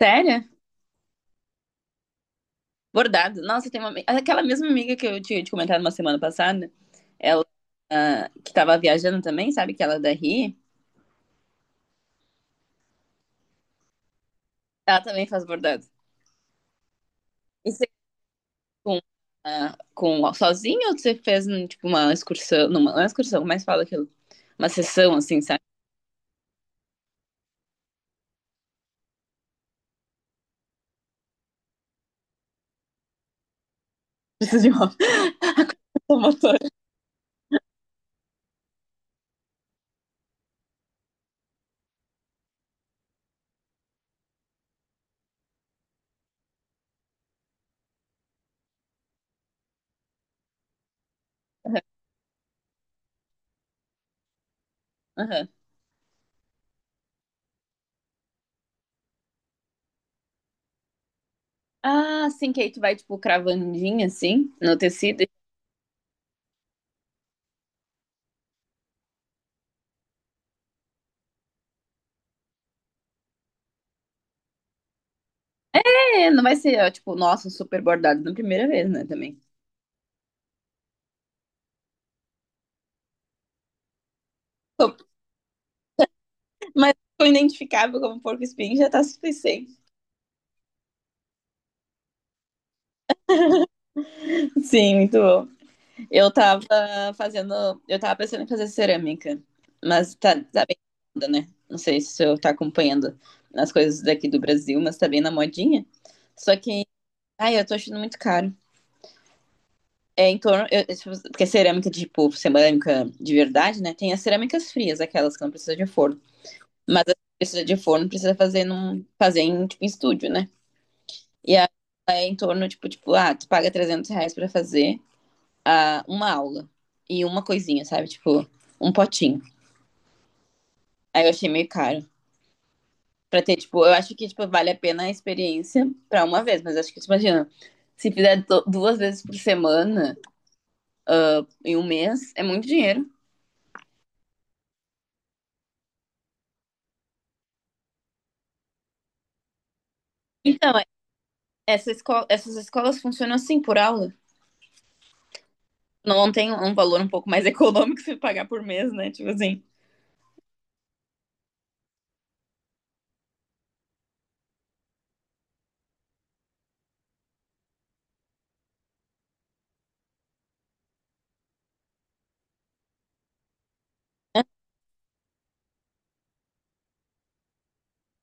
Sério? Bordado. Nossa, tem uma. Aquela mesma amiga que eu tinha te comentado uma semana passada, ela que tava viajando também, sabe? Que ela é da RI, ela também faz bordado. E você com, com sozinha ou você fez tipo uma excursão? Não, uma excursão, como é que fala aquilo? Uma sessão, assim, sabe? Preciso de uma motora. Aham. Ah, sim, que aí tu vai, tipo, cravandinha, assim, no tecido. É, não vai ser, ó, tipo, nossa, um super bordado na primeira vez, né, também. Mas foi identificável como porco-espinho, já tá suficiente. Sim, muito bom. Eu tava fazendo. Eu tava pensando em fazer cerâmica, mas tá, tá bem na moda, né? Não sei se eu tá acompanhando as coisas daqui do Brasil, mas tá bem na modinha. Só que, ai, eu tô achando muito caro. É em torno. Porque cerâmica, tipo, cerâmica de verdade, né? Tem as cerâmicas frias, aquelas que não precisa de forno. Mas as que precisa de forno, precisa fazer, num, fazer em, tipo, em estúdio, né? E aí é em torno, tipo, tu paga R$ 300 pra fazer. Uma aula e uma coisinha, sabe? Tipo, um potinho. Aí eu achei meio caro. Pra ter, tipo, eu acho que, tipo, vale a pena a experiência pra uma vez, mas acho que, tipo, imagina, se fizer duas vezes por semana em um mês, é muito dinheiro. Então, essas escolas funcionam assim, por aula. Não tem um valor um pouco mais econômico se pagar por mês, né? Tipo assim.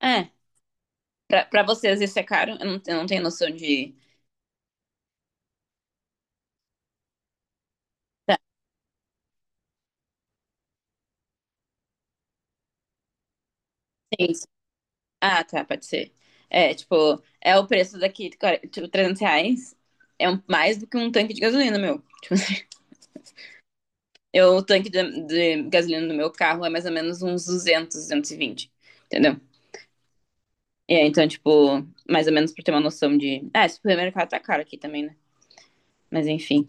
É, pra vocês isso é caro? Eu não tenho noção de... Tá, sim, ah, tá, pode ser. É, tipo, é o preço daqui, cara, tipo, R$ 300. Mais do que um tanque de gasolina, meu. Tipo, assim, eu, o tanque de gasolina do meu carro é mais ou menos uns 200, 220, entendeu? E aí, então, tipo, mais ou menos pra ter uma noção de... Ah, esse supermercado tá caro aqui também, né? Mas enfim,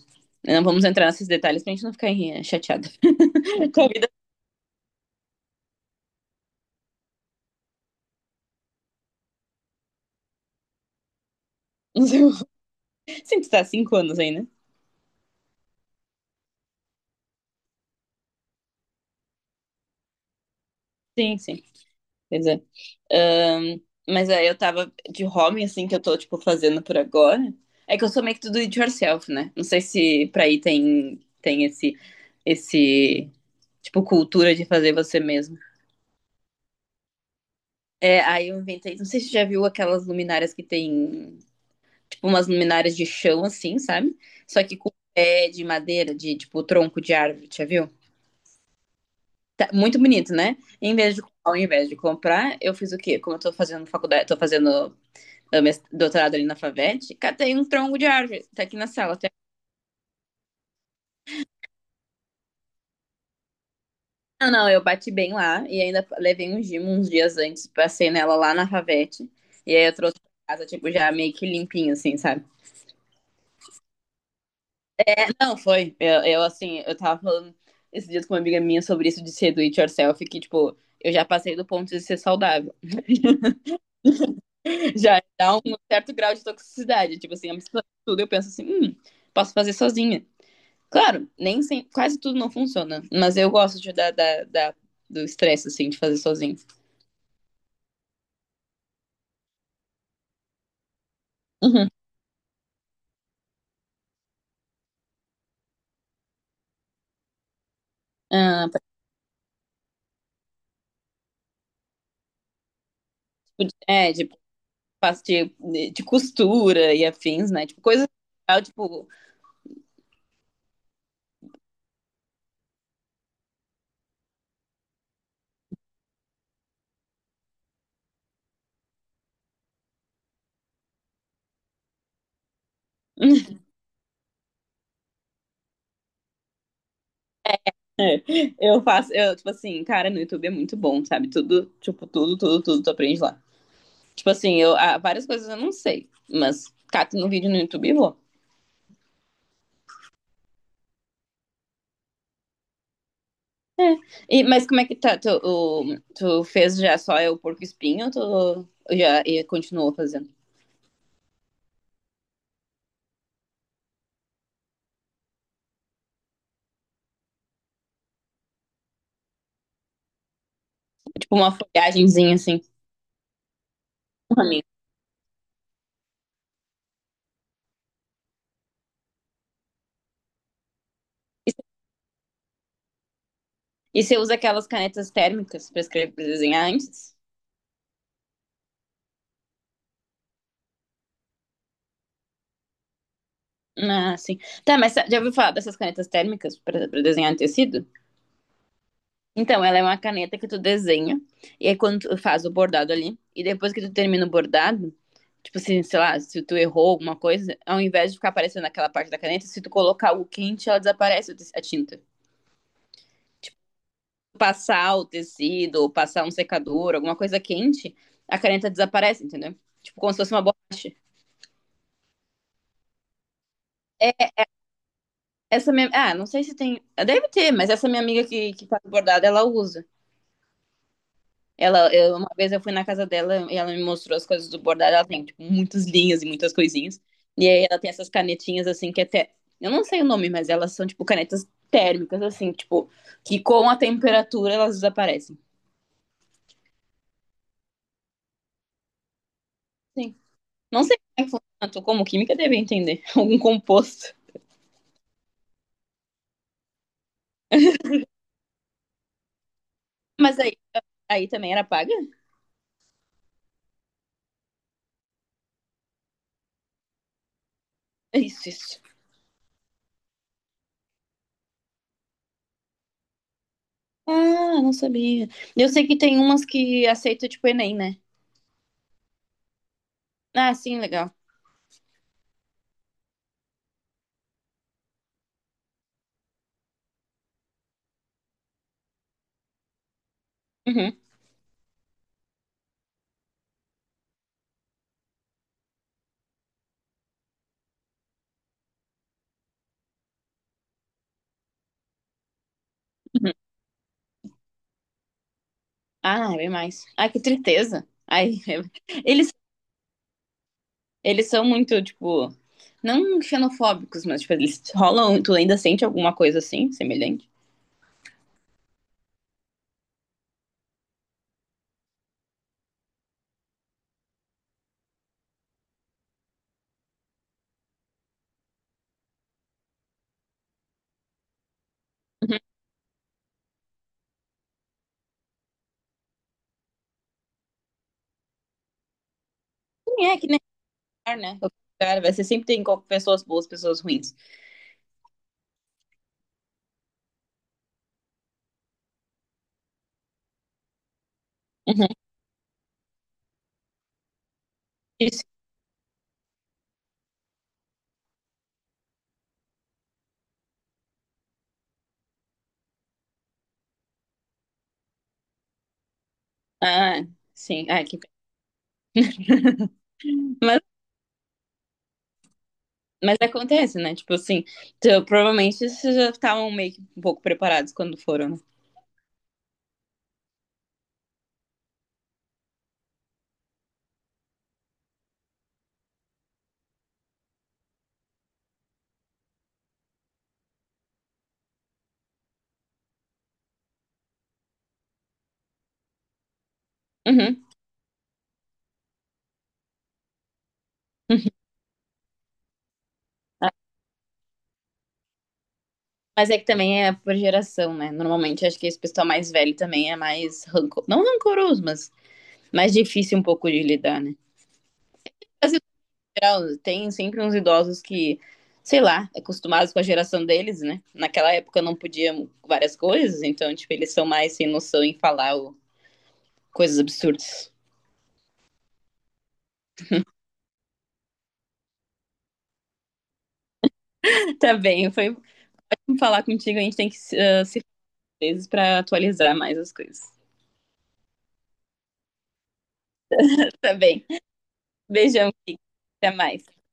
não vamos entrar nesses detalhes pra gente não ficar chateada. Tua vida, não sei, sim, tu tá há 5 anos aí, né? Sim, sim, pois é. Ahn, mas aí eu tava de home, assim, que eu tô, tipo, fazendo por agora. É que eu sou meio que tudo it yourself, né? Não sei se pra aí tem, tem esse, tipo, cultura de fazer você mesmo. É, aí eu inventei, não sei se você já viu aquelas luminárias que tem, tipo, umas luminárias de chão, assim, sabe? Só que com pé de madeira, de, tipo, tronco de árvore, já viu? Tá muito bonito, né? Em vez de, ao invés de comprar, eu fiz o quê? Como eu tô fazendo faculdade, tô fazendo doutorado ali na FAVET, catei um tronco de árvore, tá aqui na sala. Tá? Não, não, eu bati bem lá e ainda levei um gimo uns dias antes, passei nela lá na FAVET, e aí eu trouxe pra casa, tipo, já meio que limpinho, assim, sabe? Não, foi. Eu assim, eu tava falando esses dias com uma amiga minha sobre isso de ser do it yourself, que, tipo, eu já passei do ponto de ser saudável. Já dá um certo grau de toxicidade. Tipo assim, a mistura de tudo, eu penso assim, posso fazer sozinha. Claro, nem sem- quase tudo não funciona, mas eu gosto de, do estresse, assim, de fazer sozinho. Uhum. Ah, tipo, é, de, de costura e afins, né? Tipo, coisa legal, tipo, eu faço, eu, tipo assim, cara, no YouTube é muito bom, sabe? Tudo, tipo, tudo tu aprende lá. Tipo assim, eu, várias coisas eu não sei, mas cato no vídeo no YouTube e vou. E, mas como é que tá? Tu, tu fez já só o porco-espinho ou tu já e continuou fazendo? Tipo uma folhagemzinha, assim. Amigo. E você usa aquelas canetas térmicas para escrever, para desenhar antes? Ah, sim. Tá, mas já ouviu falar dessas canetas térmicas para pra desenhar em tecido? Então, ela é uma caneta que tu desenha, e aí quando tu faz o bordado ali, e depois que tu termina o bordado, tipo assim, sei lá, se tu errou alguma coisa, ao invés de ficar aparecendo aquela parte da caneta, se tu colocar o quente, ela desaparece o a tinta. Passar o tecido, ou passar um secador, alguma coisa quente, a caneta desaparece, entendeu? Tipo, como se fosse uma borracha. Essa minha. Ah, não sei se tem. Deve ter, mas essa minha amiga que faz bordado, ela usa. Ela, uma vez eu fui na casa dela e ela me mostrou as coisas do bordado. Ela tem, tipo, muitas linhas e muitas coisinhas. E aí ela tem essas canetinhas, assim, que até. Eu não sei o nome, mas elas são, tipo, canetas térmicas, assim, tipo, que com a temperatura elas desaparecem. Sim. Não sei como é que funciona, tu como química deve entender. Algum composto. Mas aí, aí também era paga? Isso, isso. Ah, não sabia. Eu sei que tem umas que aceita, tipo, Enem, né? Ah, sim, legal. Uhum. Ah, bem mais. Ai, que tristeza. Ai, eles, eles são muito, tipo, não xenofóbicos, mas, tipo, eles rolam, tu ainda sente alguma coisa assim, semelhante? Uhum. Sim, é que nem lugar, né? Qualquer lugar, vai, você sempre tem pessoas boas, pessoas ruins. Uhum. Isso. Ah, sim. Ah, que... mas, mas acontece, né? Tipo assim, então provavelmente vocês já estavam meio que um pouco preparados quando foram, né? Uhum. Mas é que também é por geração, né? Normalmente acho que esse pessoal mais velho também é mais rancor... não rancoroso, mas mais difícil um pouco de lidar, né? Mas em geral, tem sempre uns idosos que, sei lá, acostumados com a geração deles, né? Naquela época não podiam várias coisas, então tipo eles são mais sem noção em falar coisas absurdas. Tá bem, foi falar contigo, a gente tem que se fazer vezes para atualizar mais as coisas. Tá bem. Beijão, até mais.